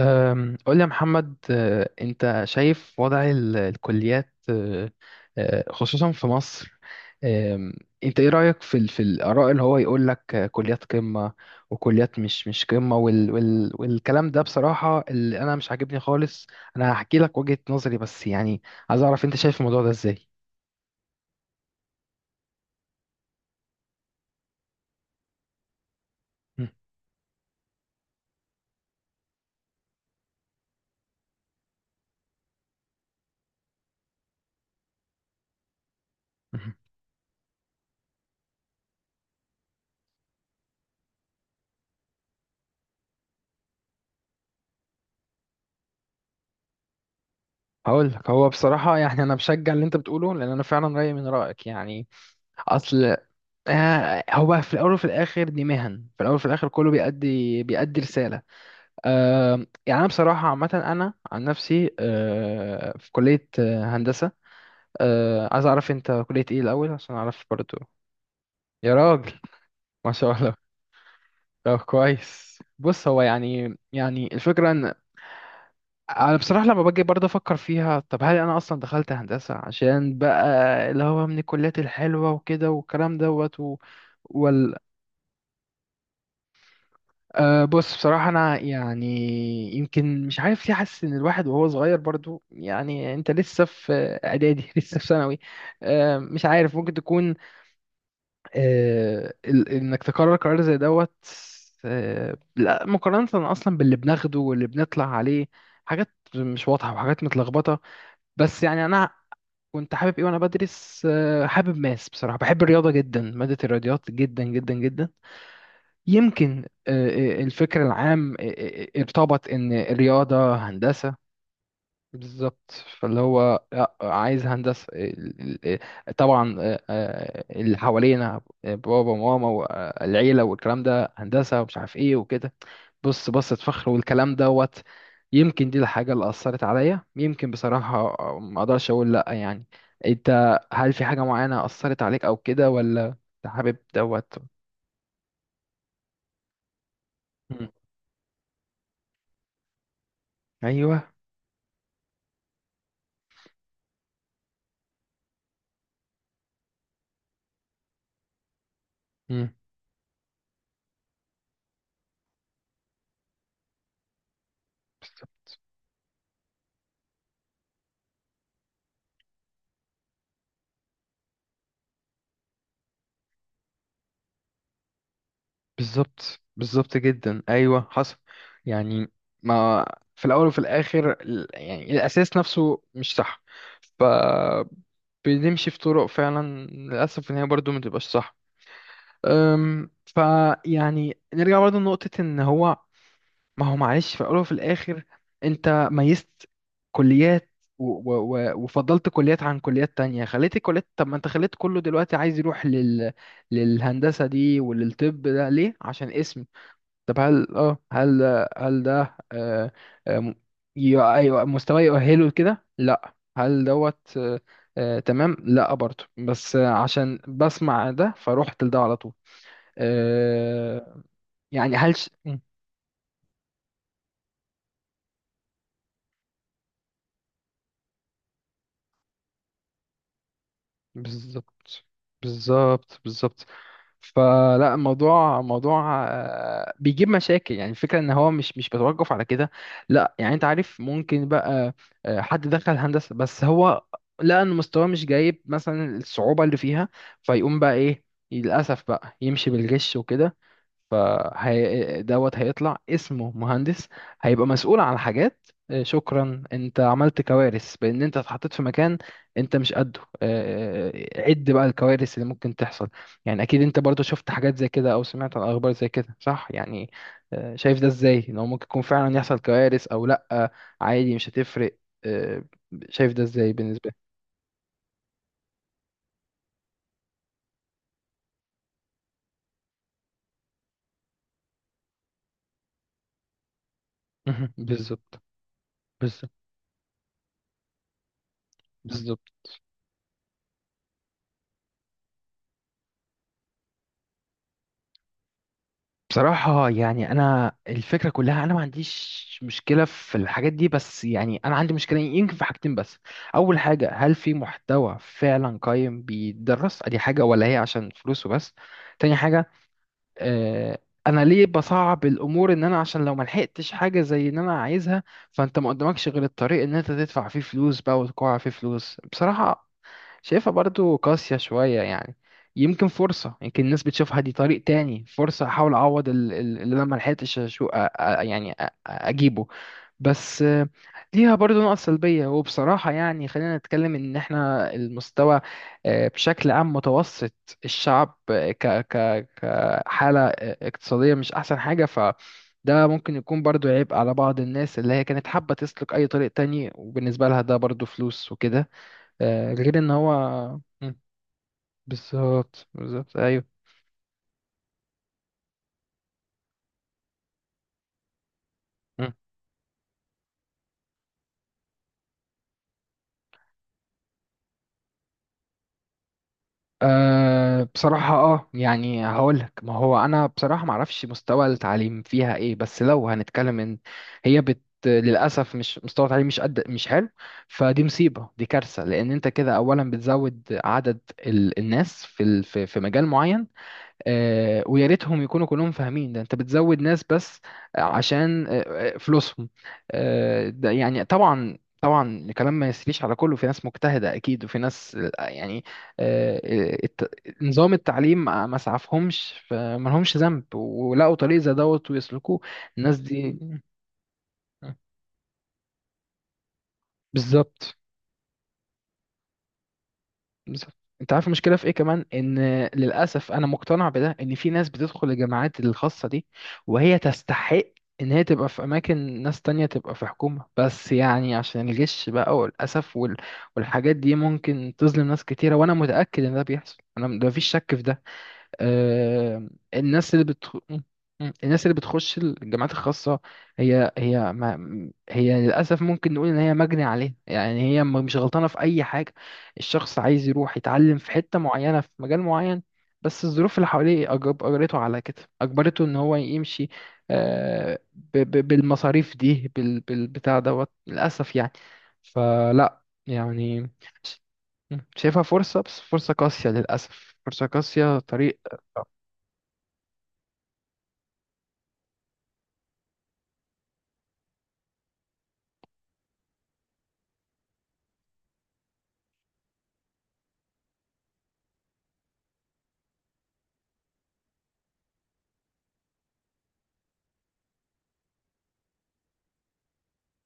قول لي يا محمد، انت شايف وضع الكليات، أه، أه، خصوصا في مصر. أم، انت ايه رأيك في في الآراء اللي هو يقول لك، كليات قمة وكليات مش قمة وال وال والكلام ده بصراحة اللي انا مش عاجبني خالص. انا هحكي لك وجهة نظري بس يعني عايز اعرف انت شايف الموضوع ده ازاي. مم، مم. هقول لك، هو بصراحة يعني انا بشجع اللي انت بتقوله لان انا فعلا رأيي من رأيك يعني. اصل، هو في الاول وفي الاخر دي مهن، في الاول وفي الاخر كله بيأدي رساله. يعني انا بصراحه عامه انا عن نفسي في كليه هندسه. عايز اعرف انت كليه ايه الاول عشان اعرف برضو. يا راجل، ما شاء الله. طب كويس، بص، هو يعني الفكره ان انا بصراحه لما باجي برضه افكر فيها، طب هل انا اصلا دخلت هندسه عشان بقى اللي هو من الكليات الحلوه وكده والكلام دوت و... بص بصراحة، أنا يعني يمكن مش عارف ليه، حاسس إن الواحد وهو صغير برضو، يعني أنت لسه في إعدادي لسه في ثانوي، مش عارف، ممكن تكون إنك تقرر قرار زي دوت، لا مقارنة أصلا باللي بناخده واللي بنطلع عليه، حاجات مش واضحة وحاجات متلخبطة. بس يعني أنا كنت حابب إيه وأنا بدرس، حابب ماس، بصراحة بحب الرياضة جدا، مادة الرياضيات جدا جدا جدا. يمكن، الفكر العام ارتبط ان الرياضة هندسة. بالظبط. فاللي هو لأ، عايز هندسة طبعا، اللي حوالينا، بابا وماما والعيلة والكلام ده هندسة ومش عارف ايه وكده، بص بصة فخر والكلام دوت. يمكن دي الحاجة اللي أثرت عليا، يمكن بصراحة، ما أقدرش أقول لأ يعني. أنت هل في حاجة معينة أثرت عليك أو كده، ولا أنت حابب دوت؟ مم. أيوه. مم. بالظبط، بالظبط جدا، ايوه حصل يعني. ما في الاول وفي الاخر يعني الاساس نفسه مش صح. ف بنمشي في طرق فعلا للاسف ان هي برضو ما تبقاش صح. فيعني نرجع برضو لنقطة ان هو، ما هو معلش في الاول وفي الاخر انت ميزت كليات و وفضلت كليات عن كليات تانية، خليت الكليات، طب ما انت خليت كله دلوقتي عايز يروح للهندسة دي وللطب ده ليه؟ عشان اسم؟ طب هل هل ده آه م- ايوه مستواه يؤهله لكده؟ لا، هل دوت تمام، لا برضه، بس عشان بسمع ده فروحت لده على طول. آه يعني هل ش... م. بالظبط، بالظبط، بالظبط. فلا، الموضوع موضوع بيجيب مشاكل، يعني الفكرة ان هو مش بتوقف على كده. لا يعني انت عارف، ممكن بقى حد دخل هندسة بس هو لقى ان مستواه مش جايب مثلا الصعوبة اللي فيها، فيقوم بقى ايه؟ للأسف بقى يمشي بالغش وكده، فهي دوت هيطلع اسمه مهندس، هيبقى مسؤول عن حاجات. شكرا، انت عملت كوارث بان انت اتحطيت في مكان انت مش قده. عد بقى الكوارث اللي ممكن تحصل. يعني اكيد انت برضو شفت حاجات زي كده او سمعت عن اخبار زي كده صح يعني. شايف ده ازاي؟ ان هو ممكن يكون فعلا يحصل كوارث او لا، عادي مش هتفرق. آه، شايف ده ازاي بالنسبة لك؟ مهم. بالظبط، بالظبط، بالظبط. بصراحة يعني أنا الفكرة كلها، أنا ما عنديش مشكلة في الحاجات دي، بس يعني أنا عندي مشكلة يمكن في حاجتين بس. أول حاجة، هل في محتوى فعلا قايم بيدرس أدي حاجة، ولا هي عشان فلوسه بس؟ تاني حاجة، آه، انا ليه بصعب الامور؟ ان انا عشان لو ما لحقتش حاجه زي ان انا عايزها، فانت ما قدامكش غير الطريق ان انت تدفع فيه فلوس بقى، وتقع فيه فلوس بصراحه. شايفها برضو قاسيه شويه يعني. يمكن فرصه، يمكن الناس بتشوفها دي طريق تاني، فرصه احاول اعوض اللي انا ما لحقتش يعني اجيبه. بس ليها برضه نقط سلبية. وبصراحة يعني خلينا نتكلم إن إحنا المستوى بشكل عام متوسط. الشعب آه، ك ك كحالة اقتصادية مش أحسن حاجة، فده ممكن يكون برضه عيب على بعض الناس اللي هي كانت حابة تسلك أي طريق تاني، وبالنسبة لها ده برضه فلوس وكده. غير إن هو، مم، بالظبط، بالظبط، أيوه. بصراحة، يعني هقولك، ما هو أنا بصراحة معرفش مستوى التعليم فيها ايه، بس لو هنتكلم ان هي للأسف مش، مستوى التعليم مش قد، مش حلو. فدي مصيبة، دي كارثة، لأن انت كده أولا بتزود عدد الناس في في مجال معين. ويا ريتهم يكونوا كلهم فاهمين، ده انت بتزود ناس بس عشان فلوسهم. ده يعني طبعا طبعا، الكلام ما يسريش على كله، في ناس مجتهدة أكيد، وفي ناس يعني آه، آه، الت- نظام التعليم ما سعفهمش، فما لهمش ذنب ولقوا طريق زي دوت ويسلكوه. الناس دي، آه، بالظبط. بالظبط، انت عارف المشكله في ايه كمان؟ ان للاسف انا مقتنع بده، ان في ناس بتدخل الجامعات الخاصه دي وهي تستحق ان هي تبقى في اماكن، ناس تانية تبقى في حكومه، بس يعني عشان الجيش بقى والاسف والحاجات دي ممكن تظلم ناس كتيره، وانا متاكد ان ده بيحصل، انا ده مفيش شك في ده. آه، الناس اللي الناس اللي بتخش الجامعات الخاصة، هي ما... هي للأسف ممكن نقول إن هي مجني عليها، يعني هي مش غلطانة في أي حاجة. الشخص عايز يروح يتعلم في حتة معينة في مجال معين، بس الظروف اللي حواليه أجبرته على كده، أجبرته إن هو يمشي بالمصاريف دي بالبتاع دوت للأسف يعني. فلا يعني شايفها فرصة، بس فرصة قاسية للأسف، فرصة قاسية، طريق.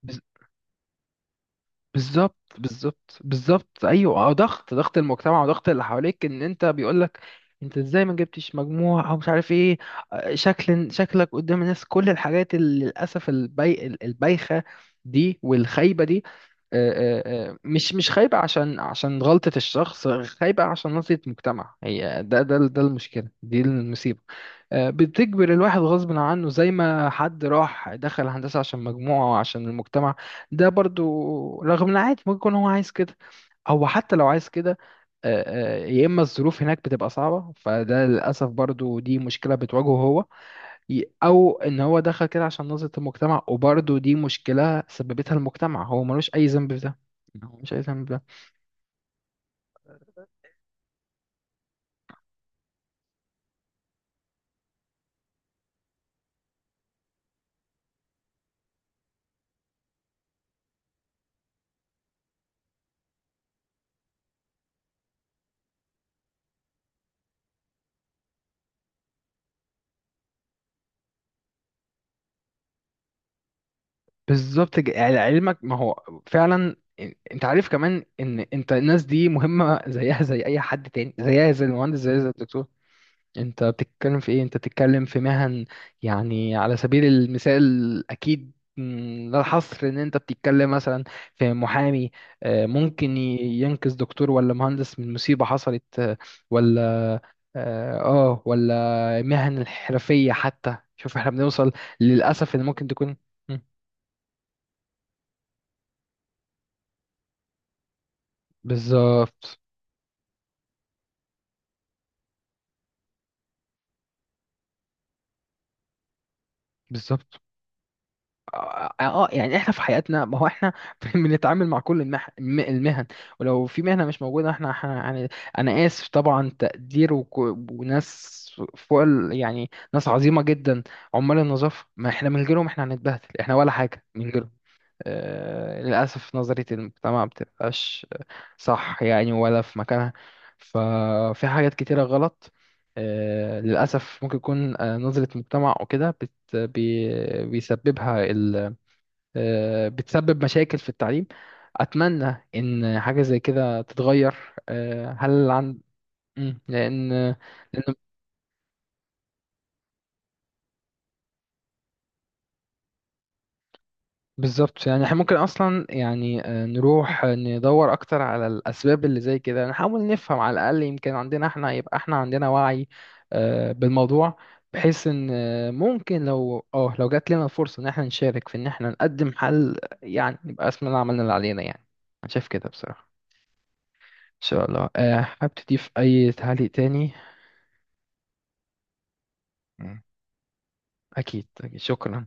بز- بالظبط، بالظبط، بالظبط، أيوة. ضغط المجتمع وضغط اللي حواليك، إن أنت بيقولك أنت إزاي ما جبتش مجموع، أو مش عارف إيه. شكلك قدام الناس، كل الحاجات اللي للأسف البايخة دي والخايبة دي، مش خايبة عشان، عشان غلطة الشخص، خايبة عشان نظرة المجتمع، هي ده المشكلة دي، المصيبة بتجبر الواحد غصب عنه. زي ما حد راح دخل هندسة عشان مجموعة وعشان المجتمع، ده برضو رغم ان عادي ممكن يكون هو عايز كده. هو حتى لو عايز كده، يا اما الظروف هناك بتبقى صعبة، فده للأسف برضو دي مشكلة بتواجهه هو، او ان هو دخل كده عشان نظرة المجتمع، وبرضو دي مشكلة سببتها المجتمع، هو ملوش اي ذنب في ده، هو مش اي ذنب. بالظبط يعني علمك، ما هو فعلا انت عارف كمان ان انت الناس دي مهمة زيها زي اي حد تاني، زيها زي المهندس، زيها زي الدكتور. انت بتتكلم في ايه، انت بتتكلم في مهن يعني. على سبيل المثال اكيد، لا الحصر، ان انت بتتكلم مثلا في محامي ممكن ينقذ دكتور ولا مهندس من مصيبة حصلت ولا اه. ولا مهن الحرفية حتى، شوف احنا بنوصل للأسف ان ممكن تكون م، بالظبط، بالظبط. اه، يعني احنا في حياتنا ما هو احنا بنتعامل مع كل المهن. ولو في مهنة مش موجودة احنا يعني انا اسف طبعا، تقدير وناس فوق يعني ناس عظيمة جدا. عمال النظافة، ما احنا من غيرهم احنا هنتبهدل، احنا ولا حاجة من غيرهم. للأسف نظرية المجتمع ما بتبقاش صح يعني، ولا في مكانها، ففي حاجات كتيرة غلط. للأسف ممكن يكون نظرة مجتمع وكده بيسببها ال، بتسبب مشاكل في التعليم. أتمنى إن حاجة زي كده تتغير. هل عن، مم، لأن بالظبط، يعني احنا ممكن اصلا يعني نروح ندور اكتر على الاسباب اللي زي كده، نحاول نفهم على الاقل، يمكن عندنا احنا يبقى احنا عندنا وعي بالموضوع، بحيث ان ممكن لو لو جات لنا الفرصة ان احنا نشارك في ان احنا نقدم حل يعني، يبقى اسمنا عملنا اللي علينا يعني. انا شايف كده بصراحة. ان شاء الله، حابب تضيف اي تعليق تاني؟ مم. اكيد، أكيد. شكرا.